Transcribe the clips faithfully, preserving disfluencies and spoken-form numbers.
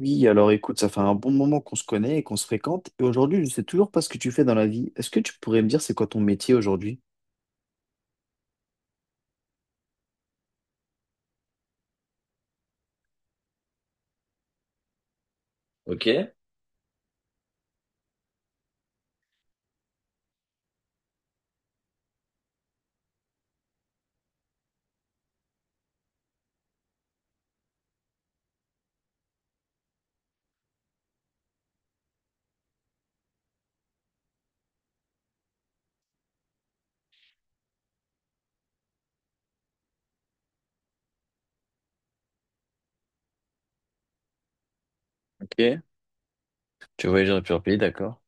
Oui, alors écoute, ça fait un bon moment qu'on se connaît et qu'on se fréquente, et aujourd'hui, je sais toujours pas ce que tu fais dans la vie. Est-ce que tu pourrais me dire c'est quoi ton métier aujourd'hui? Surpris, d'accord.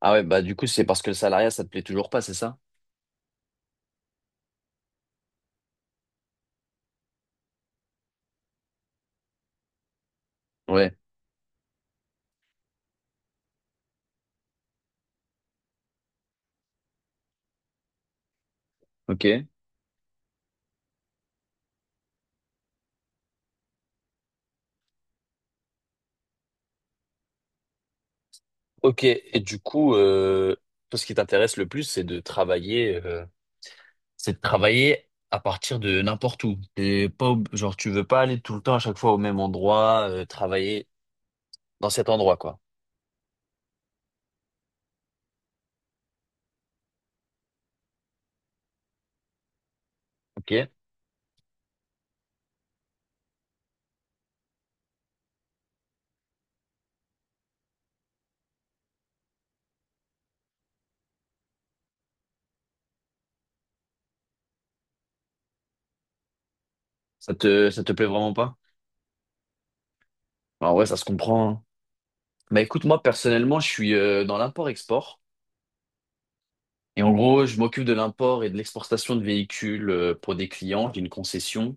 Ah ouais, bah du coup, c'est parce que le salariat, ça te plaît toujours pas, c'est ça? Ouais, ok. Ok, et du coup, euh, toi, ce qui t'intéresse le plus, c'est de travailler, euh, c'est de travailler à partir de n'importe où. T'es pas, ob- genre, tu veux pas aller tout le temps à chaque fois au même endroit, euh, travailler dans cet endroit, quoi. Ok? Ça te, ça te plaît vraiment pas? Bah ouais, ça se comprend, hein. Bah écoute, moi personnellement, je suis euh, dans l'import-export. Et en gros, je m'occupe de l'import et de l'exportation de véhicules euh, pour des clients, d'une concession.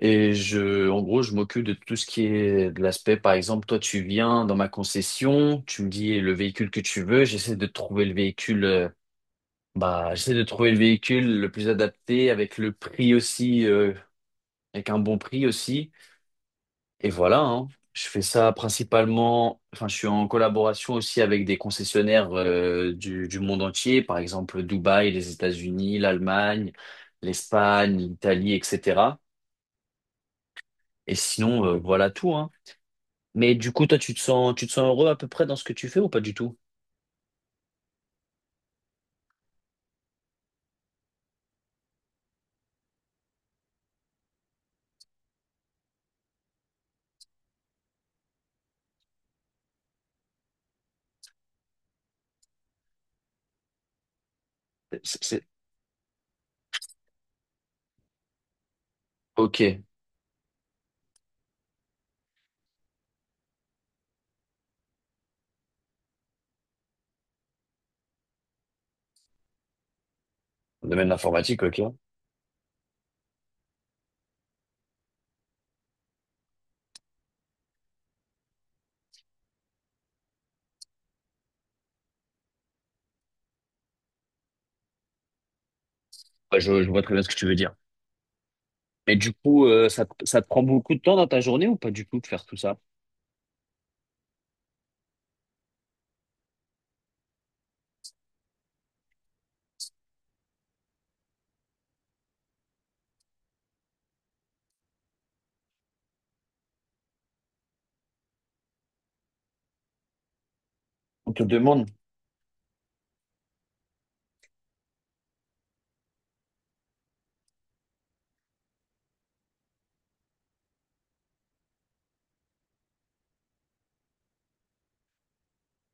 Et je, en gros, je m'occupe de tout ce qui est de l'aspect, par exemple, toi, tu viens dans ma concession, tu me dis le véhicule que tu veux, j'essaie de trouver le véhicule, euh, bah, j'essaie de trouver le véhicule le plus adapté avec le prix aussi, euh, avec un bon prix aussi. Et voilà, hein. Je fais ça principalement, enfin, je suis en collaboration aussi avec des concessionnaires euh, du, du monde entier, par exemple Dubaï, les États-Unis, l'Allemagne, l'Espagne, l'Italie, et cetera. Et sinon, euh, voilà tout, hein. Mais du coup, toi, tu te sens, tu te sens heureux à peu près dans ce que tu fais ou pas du tout? C'est, c'est- Ok, domaine de l'informatique, ok. Bah, je, je vois très bien ce que tu veux dire. Mais du coup, euh, ça, te- ça te prend beaucoup de temps dans ta journée ou pas du tout de faire tout ça? On te demande.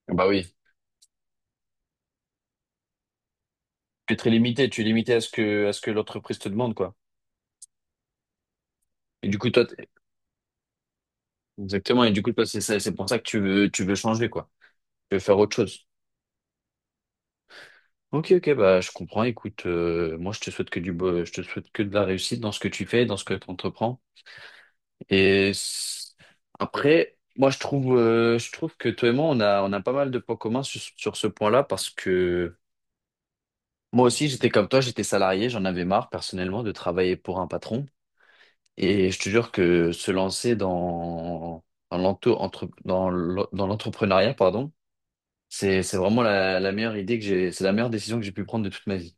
Bah oui. Tu es très limité, tu es limité à ce que, à ce que l'entreprise te demande, quoi. Et du coup, toi, t'es- exactement. Et du coup, toi, c'est ça- c'est pour ça que tu veux, tu veux changer, quoi. Tu veux faire autre chose. Ok, ok, bah, je comprends. Écoute, euh, moi, je te souhaite que du, bo- je te souhaite que de la réussite dans ce que tu fais, dans ce que tu entreprends. Et s- après, moi, je trouve, euh, je trouve que toi et moi, on a, on a pas mal de points communs sur, sur ce point-là parce que moi aussi, j'étais comme toi, j'étais salarié, j'en avais marre, personnellement, de travailler pour un patron. Et je te jure que se lancer dans, dans l'ento- entre- dans l'en- dans l'entrepreneuriat, pardon, c'est, c'est vraiment la, la meilleure idée que j'ai, c'est la meilleure décision que j'ai pu prendre de toute ma vie.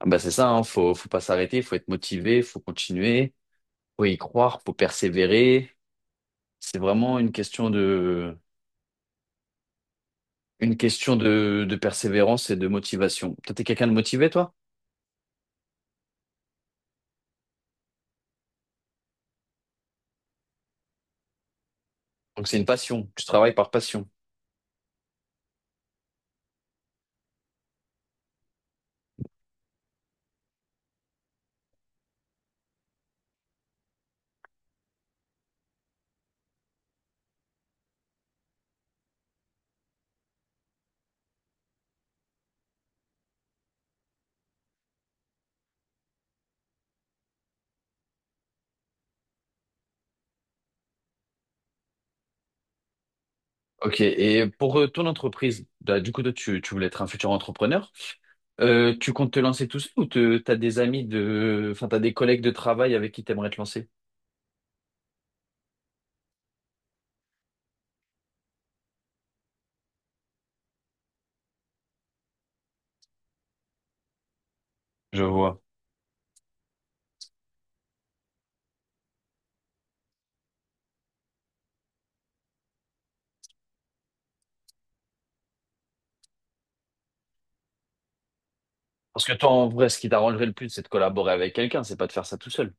Ah bah c'est ça, hein, faut, faut pas s'arrêter, faut être motivé, faut continuer, faut y croire, faut persévérer. C'est vraiment une question de, une question de, de persévérance et de motivation. Toi, t'es quelqu'un de motivé, toi? Donc c'est une passion, tu travailles par passion. Ok, et pour euh, ton entreprise, bah, du coup, toi, tu, tu voulais être un futur entrepreneur? Euh, tu comptes te lancer tout seul ou te- t'as des amis de, enfin t'as des collègues de travail avec qui t'aimerais te lancer? Je vois. Parce que toi, en vrai, ce qui t'arrangerait le plus, c'est de collaborer avec quelqu'un, c'est pas de faire ça tout seul.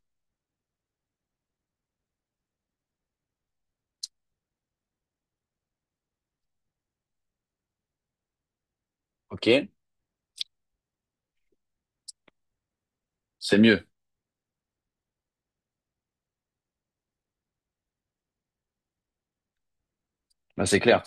Ok, c'est mieux. Ben, c'est clair.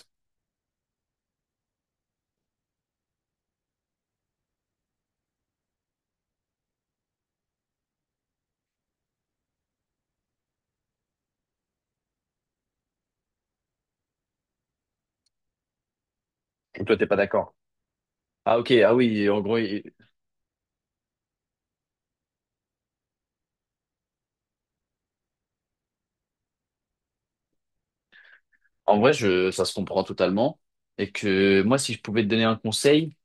Et toi, t'es pas d'accord. Ah ok, ah oui, en gros, il- en vrai, je, ça se comprend totalement. Et que moi, si je pouvais te donner un conseil,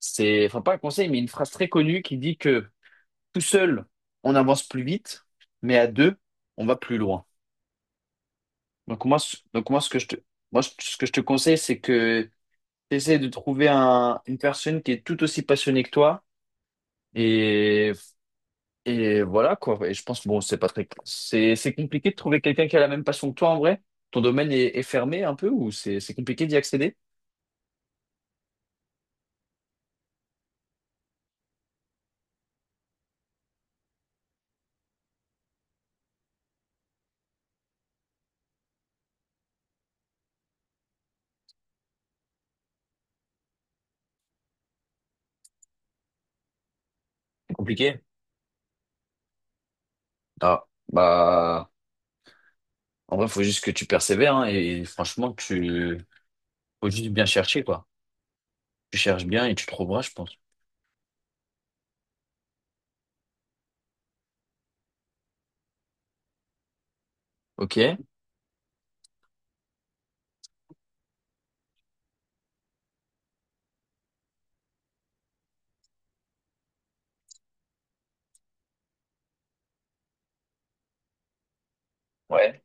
c'est, enfin pas un conseil, mais une phrase très connue qui dit que tout seul, on avance plus vite, mais à deux, on va plus loin. Donc moi, ce- donc moi, ce que je te, moi, ce que je te conseille, c'est que essaie de trouver un, une personne qui est tout aussi passionnée que toi. Et, et voilà, quoi. Et je pense, bon, c'est pas très, c'est, c'est compliqué de trouver quelqu'un qui a la même passion que toi, en vrai. Ton domaine est, est fermé un peu ou c'est, c'est compliqué d'y accéder? C'est compliqué. Ah, bah, en vrai, faut juste que tu persévères, hein, et franchement, tu, faut juste bien chercher, quoi. Tu cherches bien et tu trouveras, je pense. Ok. Ouais.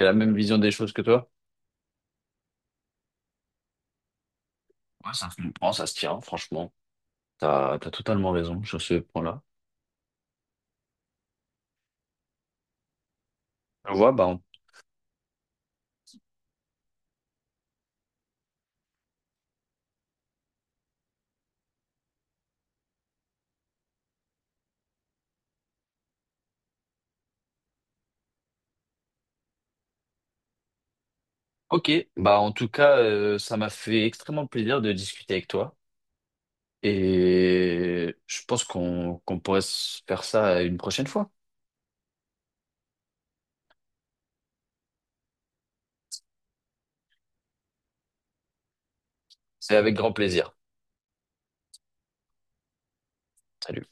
J'ai la même vision des choses que toi? Ouais, ça se comprend, ça se tient, franchement. T'as, t'as totalement raison sur ce point-là. Je vois, bah, en- ok. Bah, en tout cas, euh, ça m'a fait extrêmement plaisir de discuter avec toi. Et je pense qu'on qu'on pourrait se faire ça une prochaine fois. C'est avec grand plaisir. Salut.